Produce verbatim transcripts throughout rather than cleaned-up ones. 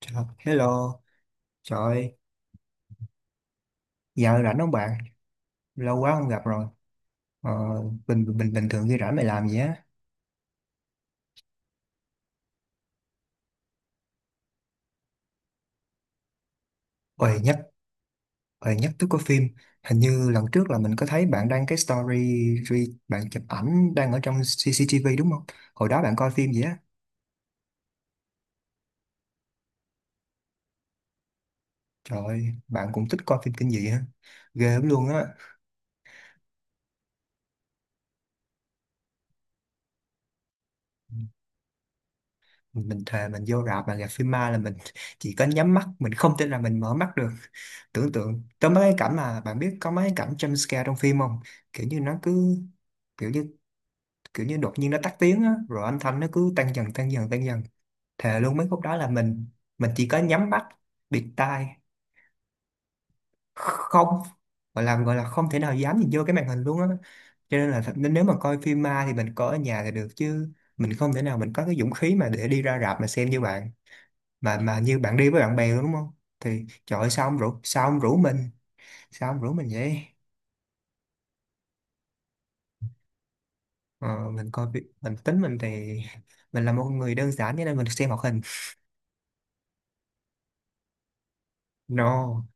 Chào, hello, trời ơi, giờ rảnh không bạn? Lâu quá không gặp rồi. Ờ, bình bình bình thường khi rảnh mày làm gì á? Ôi nhắc, ôi nhắc tới có phim. Hình như lần trước là mình có thấy bạn đăng cái story, re- bạn chụp ảnh đang ở trong xê xê tê vê đúng không? Hồi đó bạn coi phim gì á? Trời ơi, bạn cũng thích coi phim kinh dị hả? Ghê lắm luôn á. Mình thề mình vô rạp mà gặp phim ma là mình chỉ có nhắm mắt, mình không tin là mình mở mắt được. Tưởng tượng có mấy cái cảnh mà bạn biết, có mấy cái cảnh jump scare trong phim không? Kiểu như nó cứ kiểu như kiểu như đột nhiên nó tắt tiếng á rồi âm thanh nó cứ tăng dần tăng dần tăng dần. Thề luôn mấy khúc đó là mình mình chỉ có nhắm mắt, bịt tai, không gọi là gọi là không thể nào dám nhìn vô cái màn hình luôn á. Cho nên là thật- nên nếu mà coi phim ma thì mình coi ở nhà thì được, chứ mình không thể nào mình có cái dũng khí mà để đi ra rạp mà xem như bạn, mà mà như bạn đi với bạn bè đúng không? Thì trời ơi, sao ông rủ sao ông rủ mình, sao ông rủ mình vậy? ờ, mình coi vi- mình tính mình thì mình là một người đơn giản cho nên mình xem hoạt hình. No,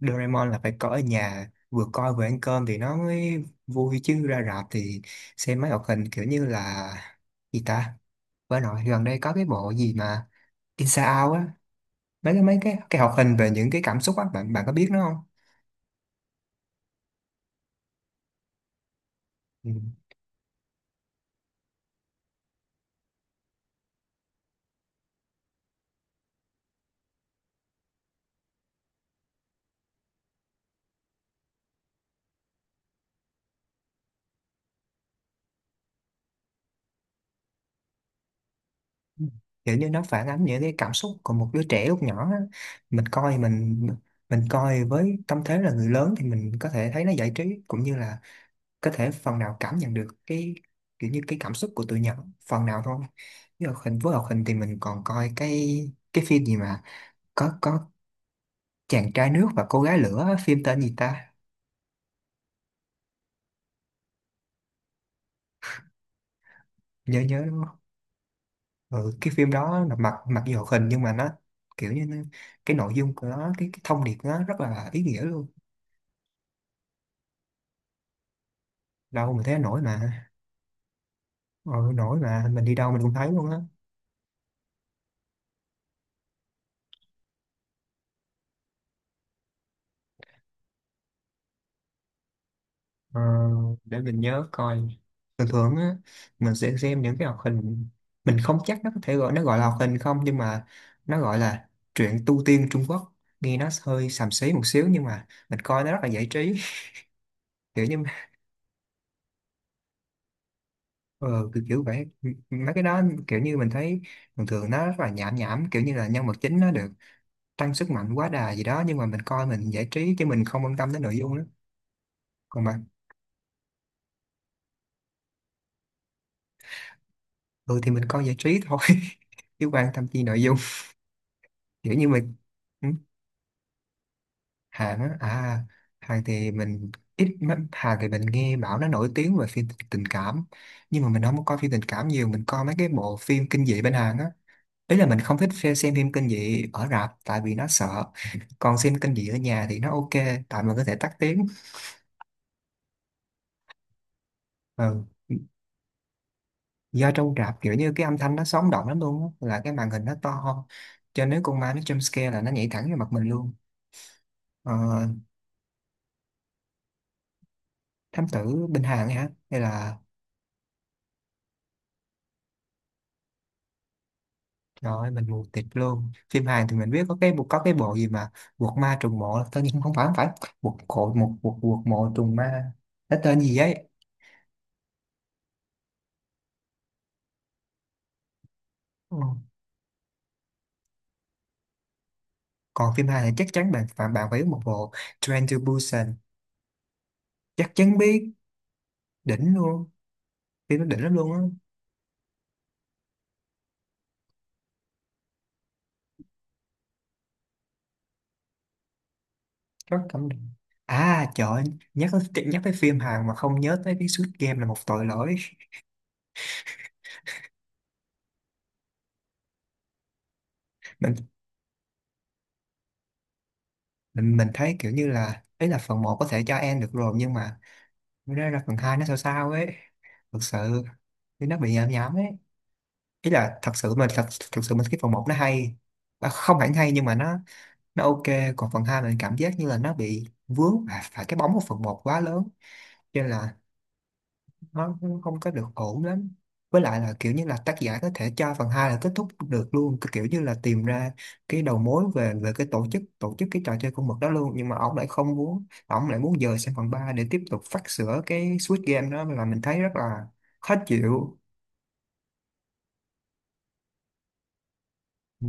Doraemon là phải coi ở nhà, vừa coi vừa ăn cơm thì nó mới vui, chứ ra rạp thì xem mấy hoạt hình kiểu như là gì ta, với nội gần đây có cái bộ gì mà Inside Out á, mấy cái mấy cái cái hoạt hình về những cái cảm xúc á, bạn bạn có biết nó không? Ừ. Ừ. Kiểu như nó phản ánh những cái cảm xúc của một đứa trẻ lúc nhỏ á. mình coi mình mình coi với tâm thế là người lớn thì mình có thể thấy nó giải trí, cũng như là có thể phần nào cảm nhận được cái kiểu như cái cảm xúc của tụi nhỏ phần nào thôi. Với hoạt hình với hoạt hình thì mình còn coi cái cái phim gì mà có có chàng trai nước và cô gái lửa á, phim tên gì ta? Nhớ nhớ đúng không? Ừ, cái phim đó là mặc mặc dù hoạt hình nhưng mà nó kiểu như nó- cái nội dung của nó, cái, cái thông điệp của nó rất là ý nghĩa luôn. Đâu mà thấy nổi mà. Ờ, nổi mà mình đi đâu mình cũng thấy luôn á. Ờ, để mình nhớ coi. Thường thường á mình sẽ xem những cái hoạt hình, mình không chắc nó có thể gọi nó gọi là hoạt hình không nhưng mà nó gọi là truyện tu tiên Trung Quốc. Nghe nó hơi xàm xí một xíu nhưng mà mình coi nó rất là giải trí. Kiểu như ờ, kiểu, kiểu vậy, M- mấy cái đó kiểu như mình thấy thường thường nó rất là nhảm nhảm, kiểu như là nhân vật chính nó được tăng sức mạnh quá đà gì đó, nhưng mà mình coi mình giải trí chứ mình không quan tâm đến nội dung đó. Còn bạn? Ừ thì mình coi giải trí thôi, chứ quan tâm chi nội dung. Kiểu như mình, ừ, Hàn á, à, Hàn thì mình ít lắm. Hàn thì mình nghe bảo nó nổi tiếng về phim tình tình cảm, nhưng mà mình không có coi phim tình cảm nhiều, mình coi mấy cái bộ phim kinh dị bên Hàn á. Ý là mình không thích phe- xem phim kinh dị ở rạp tại vì nó sợ, còn xem kinh dị ở nhà thì nó ok. Tại mình có thể tắt tiếng. Ừ. Do trong rạp kiểu như cái âm thanh nó sống động lắm luôn á, là cái màn hình nó to, cho nên nếu con ma nó jump scare là nó nhảy thẳng vào mặt mình luôn. Ờ, thám tử bên Hàn ấy hả hay là, trời ơi mình mù tịt luôn. Phim Hàn thì mình biết có cái có cái bộ gì mà Quật ma trùng mộ, tất nhiên không phải không phải Quật cộ một Quật Quật mộ trùng ma, cái tên gì ấy. Ừ. Còn phim Hàn thì chắc chắn bạn bạn bạn phải biết một bộ, Train to Busan. Chắc chắn biết, đỉnh luôn. Phim nó đỉnh lắm luôn á, rất cảm động. À trời ơi, nhắc tới- nhắc tới phim Hàn mà không nhớ tới cái Squid Game là một tội lỗi. Mình mình mình thấy kiểu như là ấy là phần một có thể cho em được rồi nhưng mà nó ra là phần hai nó sao sao ấy, thực sự thì nó bị nhảm nhảm ấy. Ý là thật sự mà thật, thật sự mình cái phần một nó hay, à, không hẳn hay nhưng mà nó nó ok. Còn phần hai mình cảm giác như là nó bị vướng phải, phải cái bóng của phần một quá lớn, cho nên là nó cũng không có được ổn lắm. Với lại là kiểu như là tác giả có thể cho phần hai là kết thúc được luôn, cái kiểu như là tìm ra cái đầu mối về về cái tổ chức tổ chức cái trò chơi con mực đó luôn, nhưng mà ông lại không muốn, ông lại muốn dời sang phần ba để tiếp tục phát sửa cái Squid Game, đó là mình thấy rất là khó chịu. Ừ,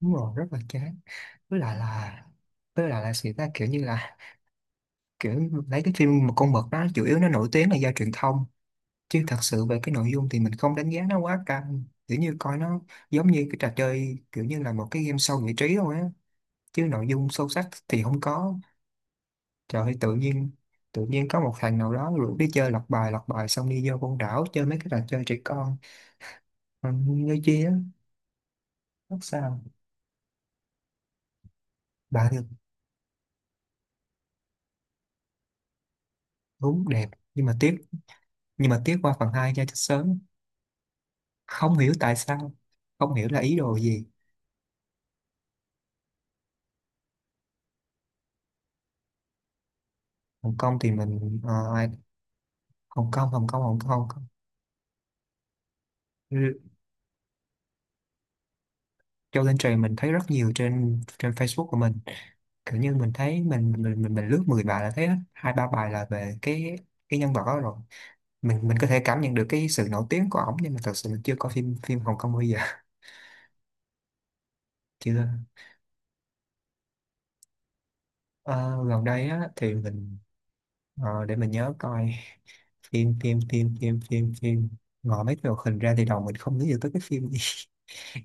đúng rồi, rất là chán. Với lại là với lại là sự ta kiểu như là, kiểu lấy cái phim một con mực đó chủ yếu nó nổi tiếng là do truyền thông, chứ thật sự về cái nội dung thì mình không đánh giá nó quá căng, kiểu như coi nó giống như cái trò chơi kiểu như là một cái game show giải trí thôi á, chứ nội dung sâu sắc thì không có. Trời ơi tự nhiên tự nhiên có một thằng nào đó rủ đi chơi, lọc bài lọc bài xong đi vô con đảo chơi mấy cái trò chơi trẻ con. Ừ, nghe chi á. Rất sao. Bà được. Đúng đẹp. Nhưng mà tiếc, nhưng mà tiếc qua phần hai ra chết sớm, không hiểu tại sao, không hiểu là ý đồ gì. Hồng Kông thì mình, ờ, Hồng Kông Hồng Kông Hồng Kông, Châu Tinh Trì mình thấy rất nhiều trên trên Facebook của mình. Kiểu như mình thấy mình mình mình, mình lướt mười bài là thấy hết, hai ba bài là về cái cái nhân vật đó rồi. Mình mình có thể cảm nhận được cái sự nổi tiếng của ổng nhưng mà thật sự mình chưa có phim phim Hồng Kông bao giờ. Chưa. Ờ, gần đây á thì mình, ờ, để mình nhớ coi, phim phim phim phim phim phim, ngồi mấy cái hoạt hình ra thì đầu mình không nghĩ được tới cái phim gì.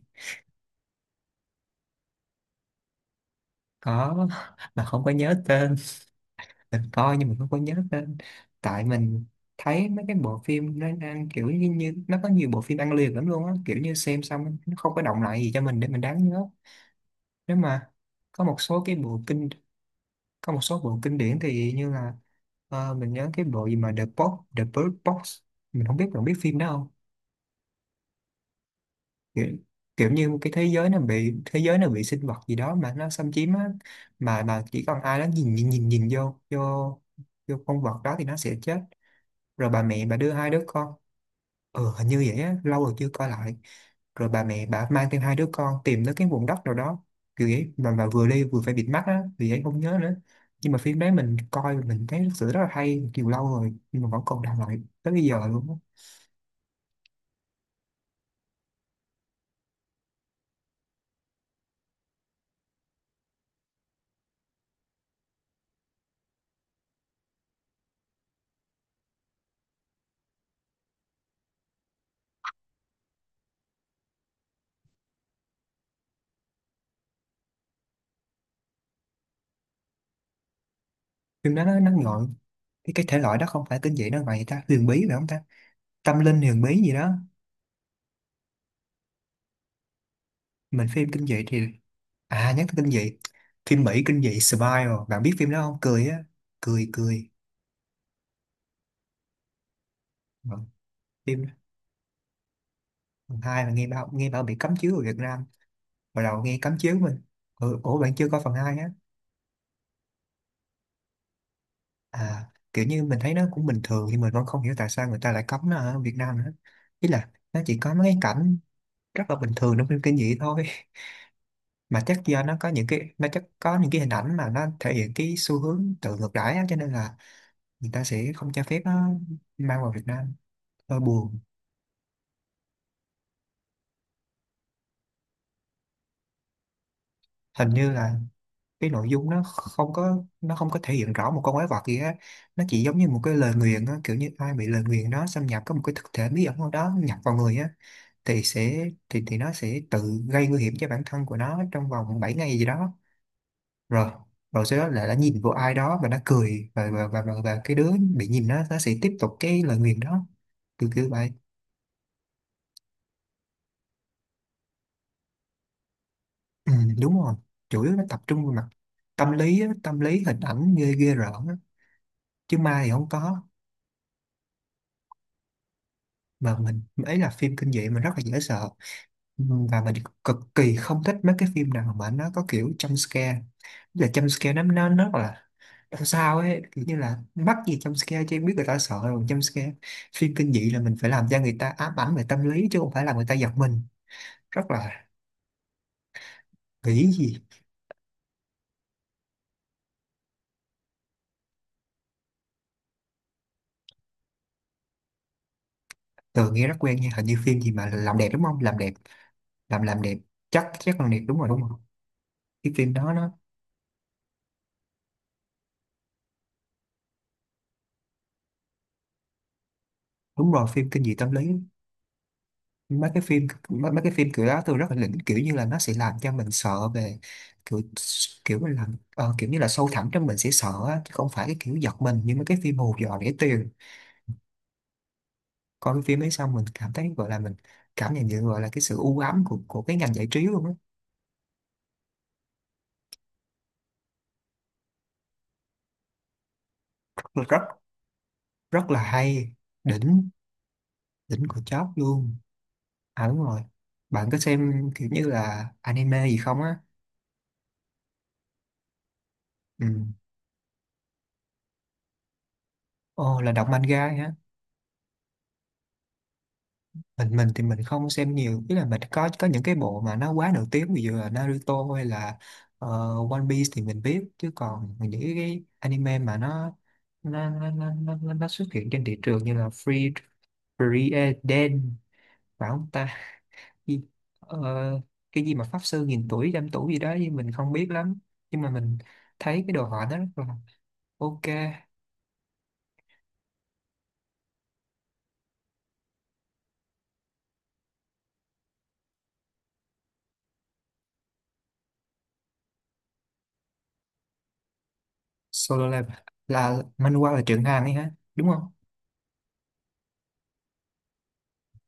Có, mà không có nhớ tên. Mình coi nhưng mình không có nhớ tên, tại mình thấy mấy cái bộ phim nó đang kiểu như, như nó có nhiều bộ phim ăn liền lắm luôn á, kiểu như xem xong nó không có động lại gì cho mình để mình đáng nhớ. Nếu mà có một số cái bộ kinh có một số bộ kinh điển thì như là, ờ, mình nhớ cái bộ gì mà The Box The Bird Box, mình không biết bạn biết phim đó không? Kiểu, kiểu như một cái thế giới nó bị, thế giới nó bị sinh vật gì đó mà nó xâm chiếm á, mà mà chỉ còn ai đó nhìn nhìn nhìn nhìn vô vô vô con vật đó thì nó sẽ chết. Rồi bà mẹ bà đưa hai đứa con, ừ hình như vậy á lâu rồi chưa coi lại, rồi bà mẹ bà mang thêm hai đứa con tìm tới cái vùng đất nào đó kiểu vậy, mà mà vừa đi vừa phải bịt mắt á vì vậy không nhớ nữa. Nhưng mà phim đấy mình coi mình thấy thực sự rất là hay, nhiều lâu rồi nhưng mà vẫn còn đang lại tới bây giờ luôn á. Phim đó nó nó ngợi cái cái thể loại đó không phải kinh dị đâu, vậy ta, huyền bí phải không ta, tâm linh huyền bí gì đó. Mình phim kinh dị thì, à nhắc tới kinh dị, phim Mỹ kinh dị Smile, bạn biết phim đó không? Cười á, cười cười. Vâng. phim Phần hai là nghe bảo nghe bảo bị cấm chiếu ở Việt Nam. Hồi đầu nghe cấm chiếu mình ừ, ủa bạn chưa coi phần hai á? À, kiểu như mình thấy nó cũng bình thường nhưng mình vẫn không hiểu tại sao người ta lại cấm nó ở Việt Nam nữa. Ý là nó chỉ có mấy cái cảnh rất là bình thường trong phim kinh dị thôi. Mà chắc do nó có những cái, nó chắc có những cái hình ảnh mà nó thể hiện cái xu hướng tự ngược đãi á, cho nên là người ta sẽ không cho phép nó mang vào Việt Nam. Hơi buồn. Hình như là cái nội dung nó không có, nó không có thể hiện rõ một con quái vật gì á, nó chỉ giống như một cái lời nguyền á, kiểu như ai bị lời nguyền đó xâm nhập, có một cái thực thể bí ẩn nào đó nhập vào người á, thì sẽ thì thì nó sẽ tự gây nguy hiểm cho bản thân của nó trong vòng bảy ngày gì đó. Rồi rồi sau đó là đã nhìn vô ai đó và nó cười, và và và, và, và cái đứa bị nhìn nó nó sẽ tiếp tục cái lời nguyền đó. Kiểu kiểu vậy. Ừ, đúng rồi, chủ yếu nó tập trung vào mặt tâm lý á, tâm lý hình ảnh ghê ghê rợn á. Chứ ma thì không có. Mà mình ấy, là phim kinh dị mình rất là dễ sợ. Ừm, và mình cực kỳ không thích mấy cái phim nào mà nó có kiểu jump scare. Tức là jump scare nó nó nó rất là làm sao ấy, kiểu như là mắc gì jump scare chứ, em biết người ta sợ rồi jump scare. Phim kinh dị là mình phải làm cho người ta ám ảnh về tâm lý chứ không phải là người ta giật mình. Rất là nghĩ gì, từ nghe rất quen nha, hình như phim gì mà làm đẹp đúng không, làm đẹp, làm làm đẹp, chắc chắc làm đẹp đúng rồi đúng không. Cái phim đó nó đúng rồi, phim kinh dị tâm lý. Mấy cái phim mấy, mấy cái phim kiểu đó tôi rất là đỉnh, kiểu như là nó sẽ làm cho mình sợ về kiểu, kiểu là làm ờ, kiểu như là sâu thẳm trong mình sẽ sợ á, chứ không phải cái kiểu giật mình như mấy cái phim hù dọa rẻ tiền. Coi cái phim ấy xong mình cảm thấy gọi là mình cảm nhận được, gọi là cái sự u ám của của cái ngành giải trí luôn á. Rất, rất là hay. Đỉnh Đỉnh của chóp luôn. À đúng rồi, bạn có xem kiểu như là anime gì không á? Ừ. Ồ, là đọc manga hả? mình mình thì mình không xem nhiều, ý là mình có có những cái bộ mà nó quá nổi tiếng, ví dụ là Naruto hay là ờ, One Piece thì mình biết, chứ còn những cái anime mà nó nó nó nó, nó, nó nó xuất hiện trên thị trường như là Free Free Eden phải không ta, gì, ờ, cái gì mà pháp sư nghìn tuổi trăm tuổi gì đó thì mình không biết lắm, nhưng mà mình thấy cái đồ họa nó rất là ok. Solo Leveling là manhwa, là truyện Hàn ấy hả, đúng không?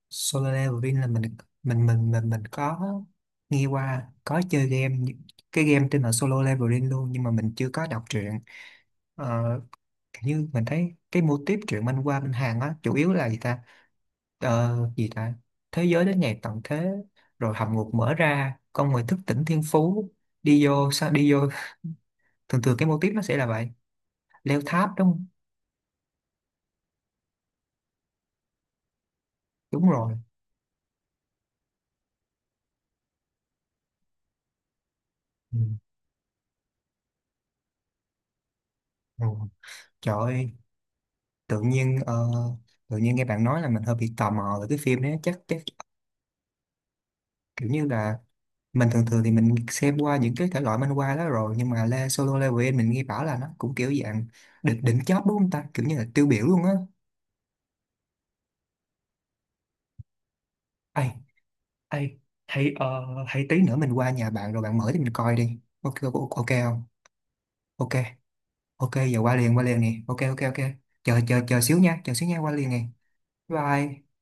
Solo Leveling là mình mình mình mình mình có nghe qua, có chơi game nhưng- cái game tên là Solo Leveling luôn, nhưng mà mình chưa có đọc truyện. Ờ, kiểu như mình thấy cái mô típ truyện manh qua bên Hàn á, chủ yếu là gì ta, ờ, gì ta, thế giới đến ngày tận thế rồi hầm ngục mở ra, con người thức tỉnh thiên phú, đi vô, sao đi vô. Thường thường cái mô típ nó sẽ là vậy, leo tháp đúng không? Đúng rồi. Ừ. Ừ. Trời ơi, tự nhiên ờ, tự nhiên nghe bạn nói là mình hơi bị tò mò về cái phim đấy, chắc chắc kiểu như là mình thường thường thì mình xem qua những cái thể loại manh qua đó rồi, nhưng mà Le Solo Leveling mình nghe bảo là nó cũng kiểu dạng đỉnh, đỉnh chóp đúng không ta, kiểu như là tiêu biểu luôn á. Ai, ai hay, ờ, hay tí nữa mình qua nhà bạn rồi bạn mở thì mình coi đi, ok ok ok không. Ok, ok giờ qua liền qua liền nè, ok ok ok. Chờ chờ chờ xíu nha, chờ xíu nha, qua liền nè. Bye.